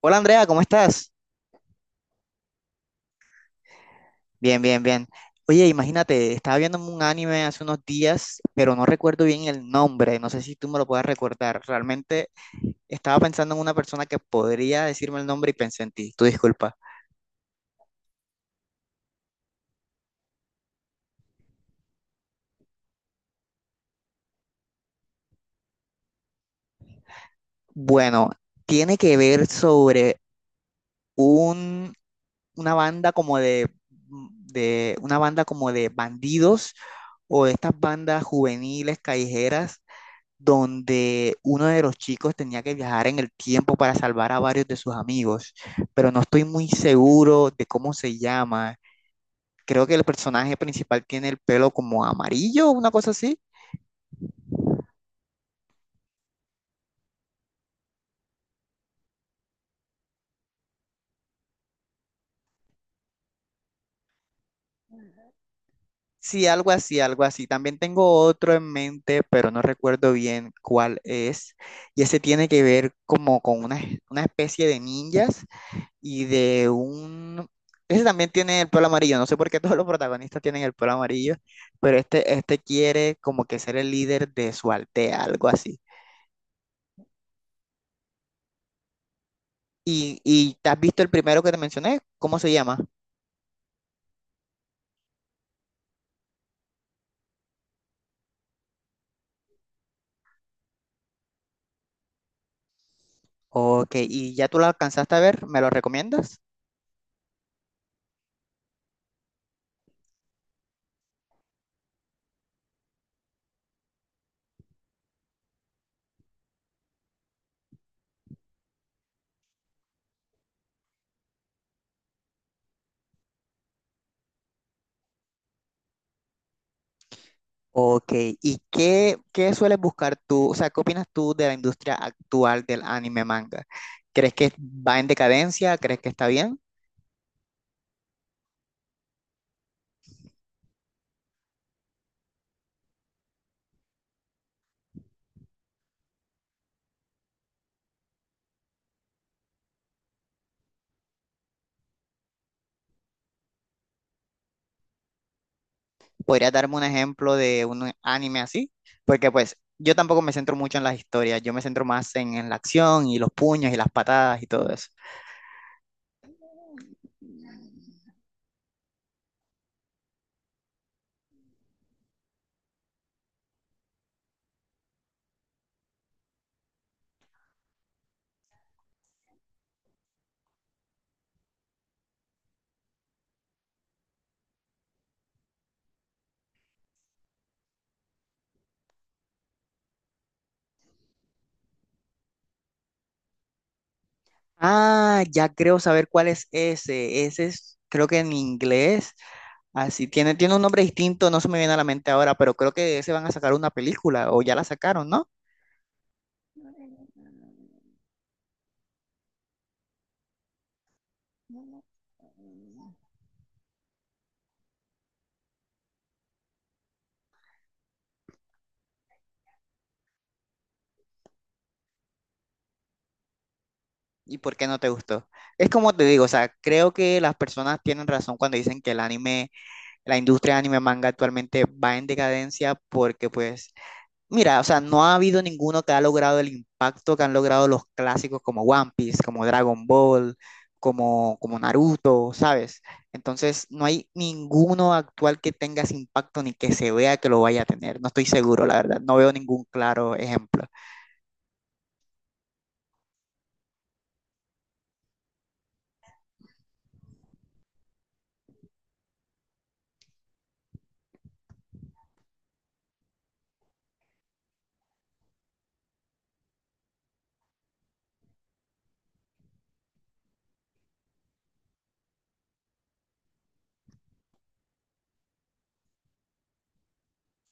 Hola Andrea, ¿cómo estás? Bien, bien, bien. Oye, imagínate, estaba viendo un anime hace unos días, pero no recuerdo bien el nombre, no sé si tú me lo puedas recordar. Realmente estaba pensando en una persona que podría decirme el nombre y pensé en ti, tu disculpa. Bueno, tiene que ver sobre un, una banda como una banda como de bandidos o de estas bandas juveniles callejeras donde uno de los chicos tenía que viajar en el tiempo para salvar a varios de sus amigos, pero no estoy muy seguro de cómo se llama. Creo que el personaje principal tiene el pelo como amarillo, una cosa así. Sí, algo así, algo así. También tengo otro en mente, pero no recuerdo bien cuál es. Y ese tiene que ver como con una especie de ninjas y de un... Ese también tiene el pelo amarillo, no sé por qué todos los protagonistas tienen el pelo amarillo, pero este quiere como que ser el líder de su aldea, algo así. Y, ¿y te has visto el primero que te mencioné? ¿Cómo se llama? Ok, ¿y ya tú lo alcanzaste a ver? ¿Me lo recomiendas? Ok, ¿y qué, qué sueles buscar tú? O sea, ¿qué opinas tú de la industria actual del anime manga? ¿Crees que va en decadencia? ¿Crees que está bien? ¿Podrías darme un ejemplo de un anime así? Porque pues yo tampoco me centro mucho en las historias, yo me centro más en la acción y los puños y las patadas y todo eso. Ah, ya creo saber cuál es ese. Ese es, creo que en inglés, así tiene, tiene un nombre distinto, no se me viene a la mente ahora, pero creo que de ese van a sacar una película o ya la sacaron, ¿no? ¿Y por qué no te gustó? Es como te digo, o sea, creo que las personas tienen razón cuando dicen que el anime la industria anime manga actualmente va en decadencia porque pues, mira, o sea, no ha habido ninguno que ha logrado el impacto que han logrado los clásicos como One Piece, como Dragon Ball, como Naruto, ¿sabes? Entonces, no hay ninguno actual que tenga ese impacto ni que se vea que lo vaya a tener. No estoy seguro, la verdad. No veo ningún claro ejemplo.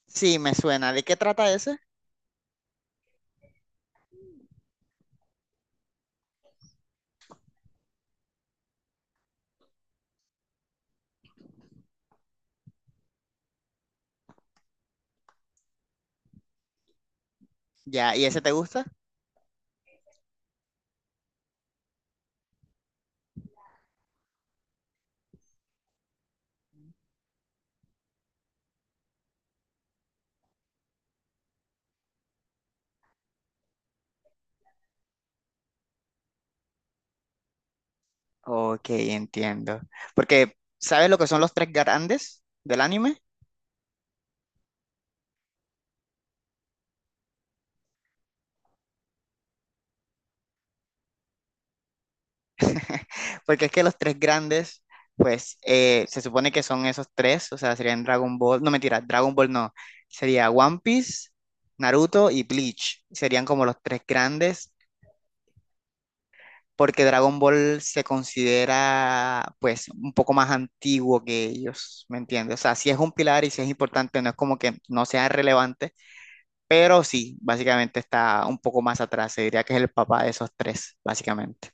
Sí, me suena. ¿De qué trata ese? Ya, ¿y ese te gusta? Ok, entiendo. Porque, ¿sabes lo que son los tres grandes del anime? Porque es que los tres grandes, pues se supone que son esos tres, o sea, serían Dragon Ball, no mentira, Dragon Ball no, sería One Piece, Naruto y Bleach, serían como los tres grandes, porque Dragon Ball se considera pues un poco más antiguo que ellos, ¿me entiendes? O sea, sí es un pilar y sí es importante, no es como que no sea relevante, pero sí, básicamente está un poco más atrás, se diría que es el papá de esos tres, básicamente.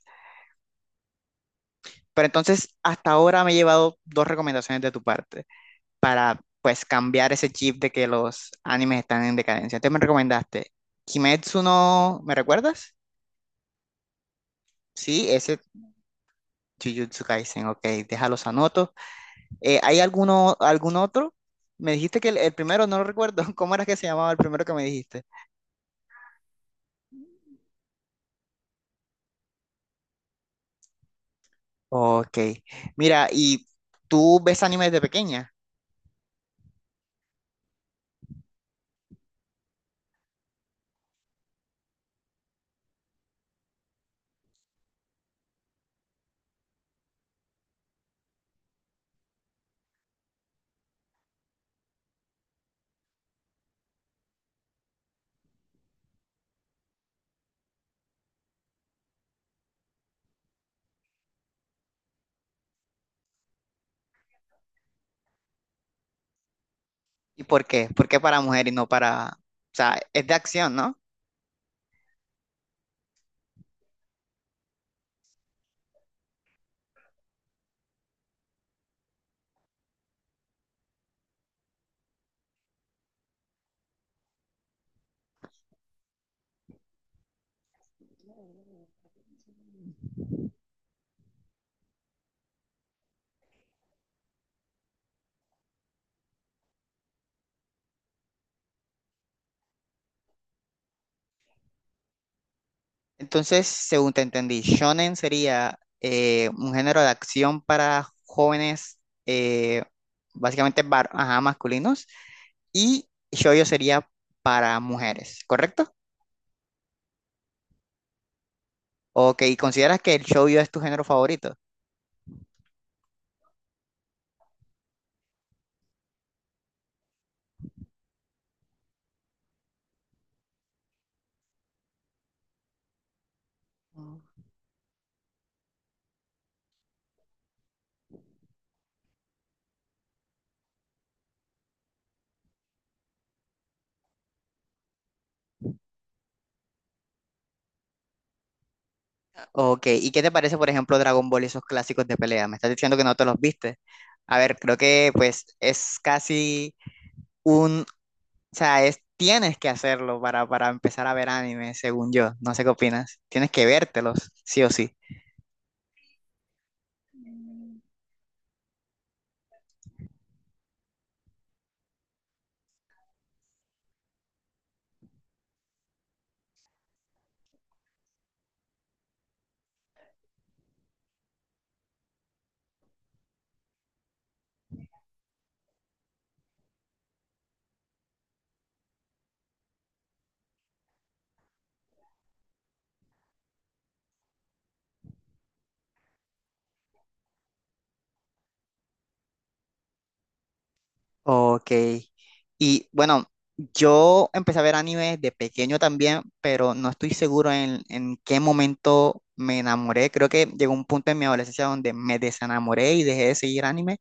Pero entonces, hasta ahora me he llevado dos recomendaciones de tu parte para, pues, cambiar ese chip de que los animes están en decadencia. Entonces me recomendaste Kimetsu no... ¿Me recuerdas? Sí, ese Jujutsu Kaisen, ok, déjalos anotos. ¿Hay alguno, algún otro? Me dijiste que el primero, no lo recuerdo. ¿Cómo era que se llamaba el primero que me dijiste? Ok, mira, ¿y tú ves animes de pequeña? ¿Y por qué? ¿Por qué para mujer y no para... O sea, es de acción, ¿no? Entonces, según te entendí, shonen sería un género de acción para jóvenes, eh, básicamente bar- ajá, masculinos, y shoujo sería para mujeres, ¿correcto? Ok, ¿consideras que el shoujo es tu género favorito? Mm. Ok, ¿y qué te parece, por ejemplo, Dragon Ball y esos clásicos de pelea? Me estás diciendo que no te los viste. A ver, creo que pues es casi un... O sea, es, tienes que hacerlo para empezar a ver anime, según yo. No sé qué opinas. Tienes que vértelos, sí o sí. Ok. Y bueno, yo empecé a ver anime de pequeño también, pero no estoy seguro en qué momento me enamoré. Creo que llegó un punto en mi adolescencia donde me desenamoré y dejé de seguir anime.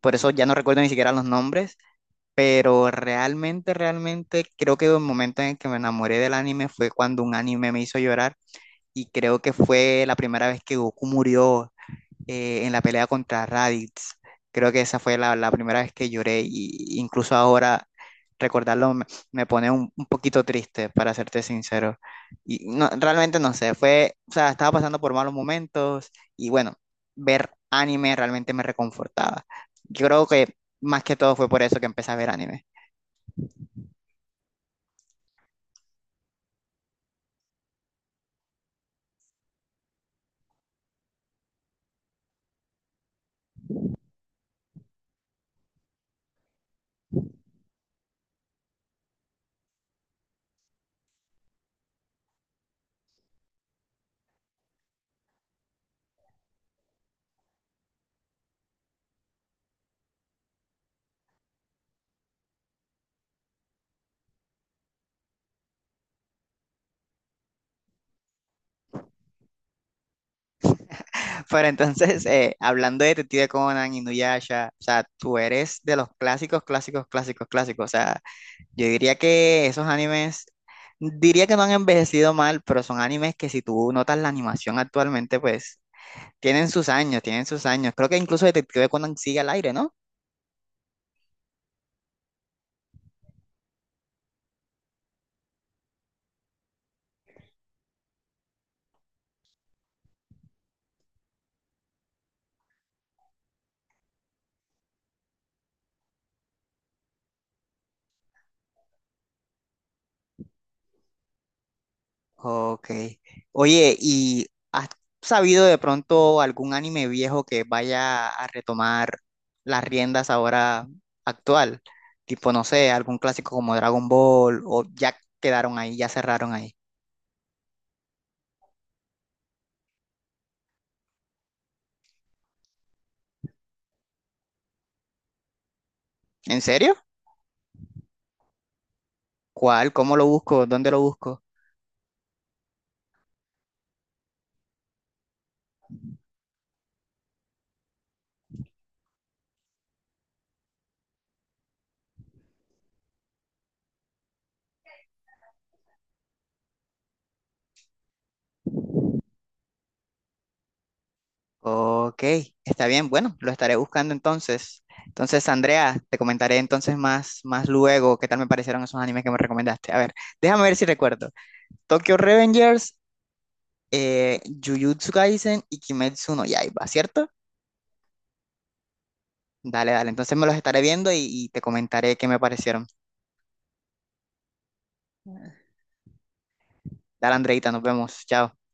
Por eso ya no recuerdo ni siquiera los nombres. Pero realmente, realmente creo que el momento en el que me enamoré del anime fue cuando un anime me hizo llorar y creo que fue la primera vez que Goku murió en la pelea contra Raditz. Creo que esa fue la primera vez que lloré, y incluso ahora recordarlo me, me pone un poquito triste, para serte sincero. Y no, realmente no sé, fue, o sea, estaba pasando por malos momentos y bueno, ver anime realmente me reconfortaba. Yo creo que más que todo fue por eso que empecé a ver anime. Pero entonces, hablando de Detective Conan, Inuyasha, o sea, tú eres de los clásicos, clásicos, clásicos, clásicos. O sea, yo diría que esos animes, diría que no han envejecido mal, pero son animes que si tú notas la animación actualmente, pues tienen sus años, tienen sus años. Creo que incluso Detective Conan sigue al aire, ¿no? Ok. Oye, ¿y has sabido de pronto algún anime viejo que vaya a retomar las riendas ahora actual? Tipo, no sé, algún clásico como Dragon Ball o ya quedaron ahí, ya cerraron ahí. ¿En serio? ¿Cuál? ¿Cómo lo busco? ¿Dónde lo busco? Ok, está bien, bueno, lo estaré buscando entonces. Entonces, Andrea, te comentaré entonces más, más luego qué tal me parecieron esos animes que me recomendaste. A ver, déjame ver si recuerdo. Tokyo Revengers, Jujutsu Kaisen y Kimetsu no Yaiba, ¿cierto? Dale, dale. Entonces me los estaré viendo y te comentaré qué me parecieron. Dale, Andreita, nos vemos. Chao.